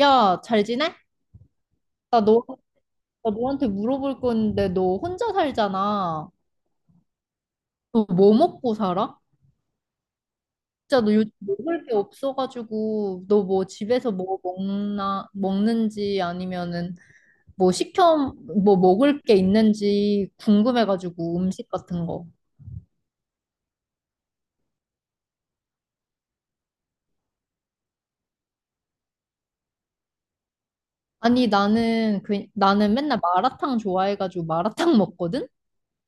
야, 잘 지내? 나 너, 나 너한테 물어볼 건데, 너 혼자 살잖아. 너 뭐 먹고 살아? 진짜 너 요즘 먹을 게 없어가지고, 너 뭐 집에서 뭐 먹나, 먹는지 아니면은 뭐 시켜, 뭐 먹을 게 있는지 궁금해가지고, 음식 같은 거. 아니, 나는, 그, 나는 맨날 마라탕 좋아해가지고 마라탕 먹거든?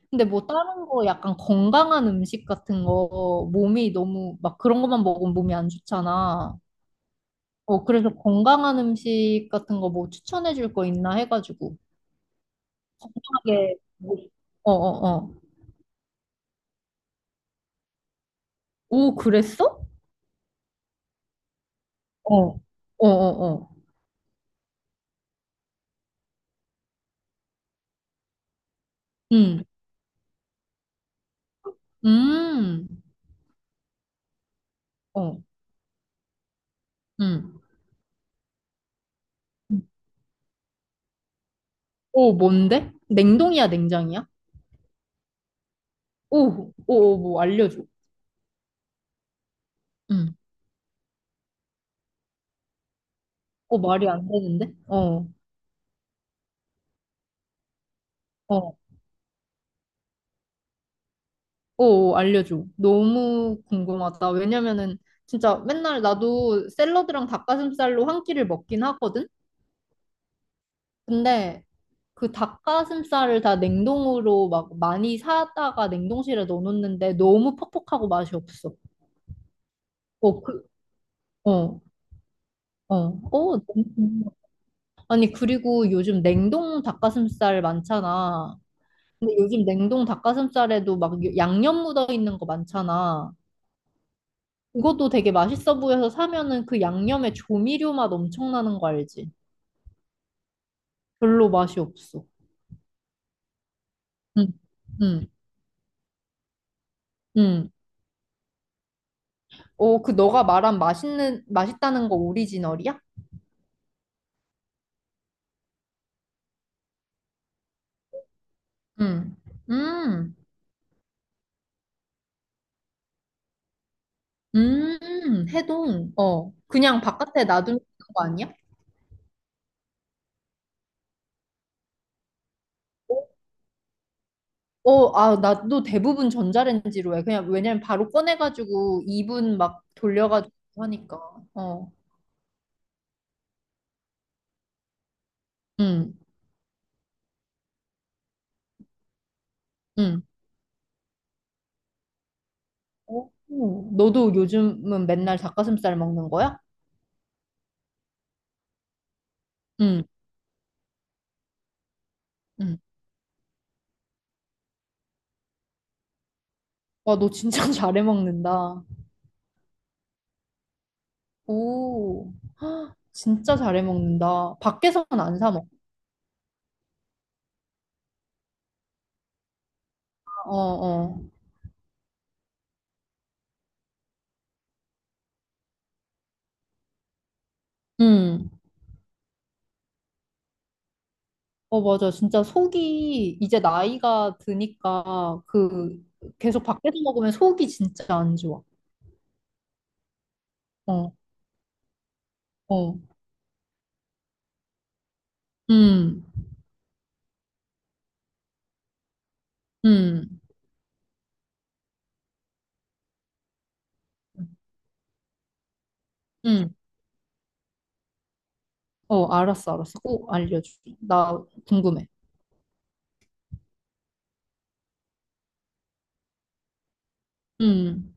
근데 뭐 다른 거 약간 건강한 음식 같은 거, 몸이 너무, 막 그런 것만 먹으면 몸이 안 좋잖아. 어, 그래서 건강한 음식 같은 거 뭐 추천해 줄 거 있나 해가지고. 하게. 어, 어, 어. 오, 그랬어? 어, 어, 어, 어. 음, 음, 어, 음. 오, 뭔데? 냉동이야, 냉장이야? 오, 오, 오, 뭐 알려줘. 음. 오, 말이 안 되는데? 어, 어, 어, 오, 알려줘. 너무 궁금하다. 왜냐면은 진짜 맨날 나도 샐러드랑 닭가슴살로 한 끼를 먹긴 하거든? 근데 그 닭가슴살을 다 냉동으로 막 많이 사다가 냉동실에 넣어놓는데 너무 퍽퍽하고 맛이 없어. 어, 그, 어, 어, 어. 너무- 아니, 그리고 요즘 냉동 닭가슴살 많잖아. 근데 요즘 냉동 닭가슴살에도 막 양념 묻어 있는 거 많잖아. 그것도 되게 맛있어 보여서 사면은 그 양념에 조미료 맛 엄청 나는 거 알지? 별로 맛이 없어. 응, 응, 응. 어, 그 너가 말한 맛있는, 맛있다는 거 오리지널이야? 음, 음, 해동. 어, 그냥 바깥에 놔두는 거 아니야? 어, 어, 아, 나도 대부분 전자레인지로 해. 그냥 왜냐면 바로 꺼내가지고 이분 막 돌려가지고 하니까. 어, 응 응 어, 너도 요즘은 맨날 닭가슴살 먹는 거야? 응, 응. 와, 너 진짜 잘해 먹는다. 오, 헉, 진짜 잘해 먹는다. 밖에서는 안 사 먹어. 어, 어. 응. 어, 맞아. 진짜 속이 이제 나이가 드니까 그 계속 밖에서 먹으면 속이 진짜 안 좋아. 어, 어. 음, 음, 음. 어, 알았어, 알았어. 꼭 알려줘. 나 궁금해. 음,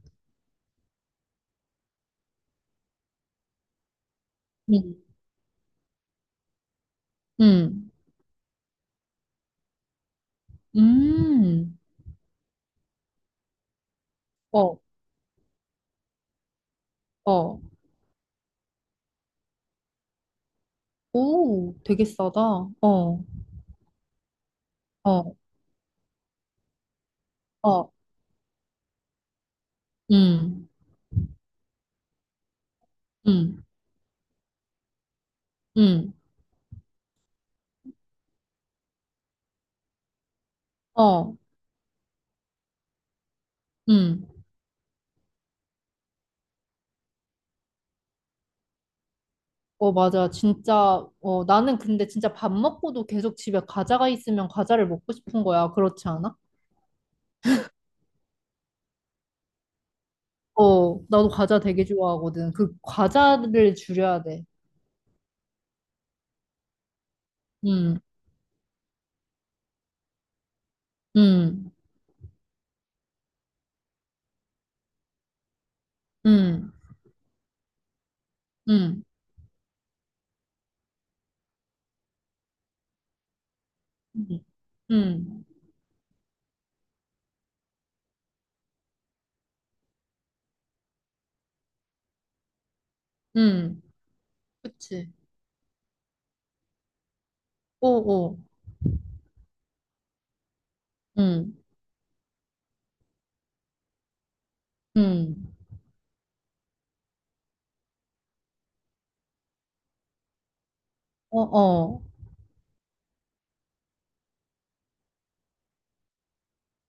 음, 음, 음. 어, 어. 오, 되게 싸다. 어, 어, 어. 음, 음, 음. 어, 음. 어, 맞아. 진짜, 어, 나는 근데 진짜 밥 먹고도 계속 집에 과자가 있으면 과자를 먹고 싶은 거야. 그렇지 않아? 어, 나도 과자 되게 좋아하거든. 그 과자를 줄여야 돼. 음, 음, 음, 음, 음, 음, 음. 그치. 어, 어, 음, 음, 어, 어,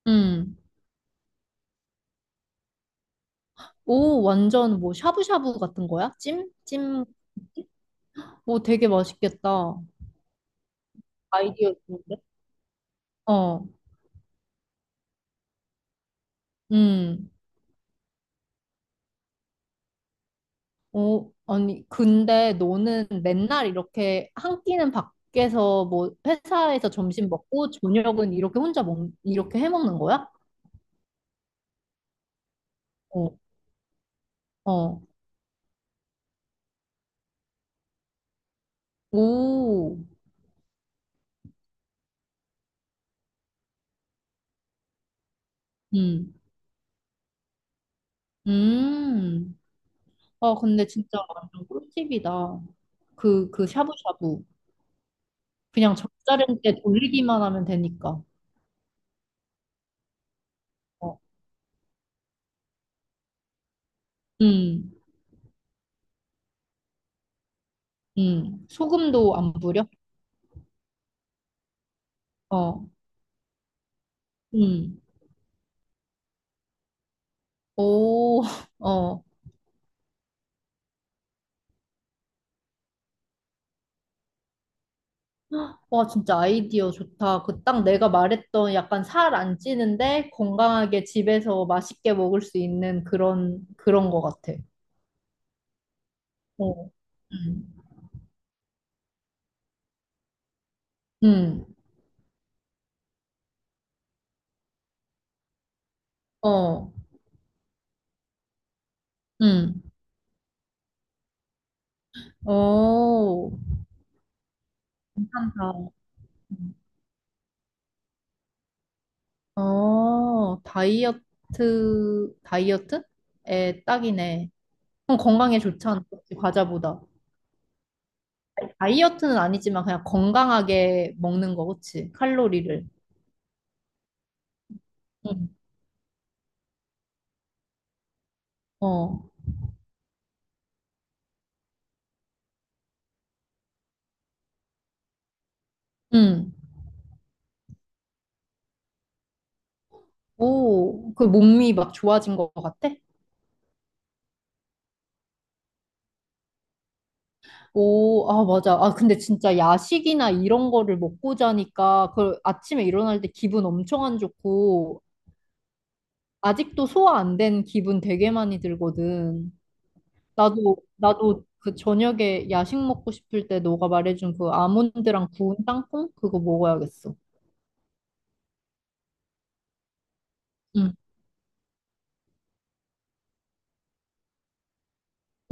음. 오, 완전 뭐 샤브샤브 같은 거야? 찜? 찜? 오, 되게 맛있겠다. 아이디어 좋은데? 어, 음. 어, 아니, 근데 너는 맨날 이렇게 한 끼는 밖에서 뭐 회사에서 점심 먹고 저녁은 이렇게 혼자 먹, 이렇게 해 먹는 거야? 어, 어, 오, 음, 음. 아, 근데 진짜 완전 꿀팁이다. 그, 그 샤브샤브. 그냥 젓자른때 돌리기만 하면 되니까. 어, 음, 소금도 안 뿌려? 어, 음. 오, 어. 와, 진짜 아이디어 좋다. 그 딱 내가 말했던 약간 살 안 찌는데 건강하게 집에서 맛있게 먹을 수 있는 그런, 그런 거 같아. 어. 음. 음. 어. 음. 어. 괜찮다. 어. 다이어트, 다이어트? 에 딱이네. 그럼 건강에 좋잖아. 그치? 과자보다. 다이어트는 아니지만 그냥 건강하게 먹는 거, 그치? 칼로리를. 응 어. 응 오, 그 몸이 막 좋아진 것 같아? 오, 아, 맞아. 아, 근데 진짜 야식이나 이런 거를 먹고 자니까 그 아침에 일어날 때 기분 엄청 안 좋고 아직도 소화 안 된 기분 되게 많이 들거든. 나도, 나도 그 저녁에 야식 먹고 싶을 때 너가 말해준 그 아몬드랑 구운 땅콩? 그거 먹어야겠어. 응,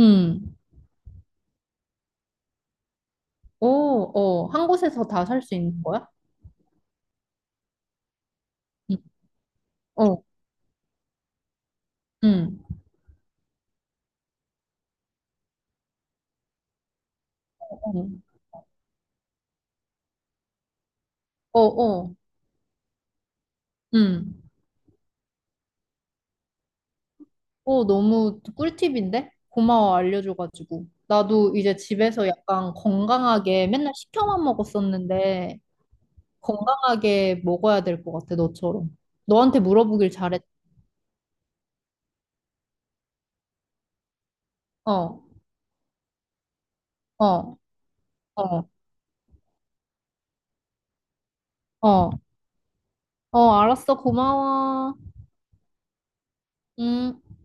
응. 오, 어, 한 곳에서 다 살 수 있는 거야? 응, 어, 응, 어, 어, 어, 응. 어, 너무 꿀팁인데? 고마워, 알려줘가지고. 나도 이제 집에서 약간 건강하게 맨날 시켜만 먹었었는데, 건강하게 먹어야 될 것 같아, 너처럼. 너한테 물어보길 잘했, 어, 어, 어, 어, 어, 알았어, 고마워. 음.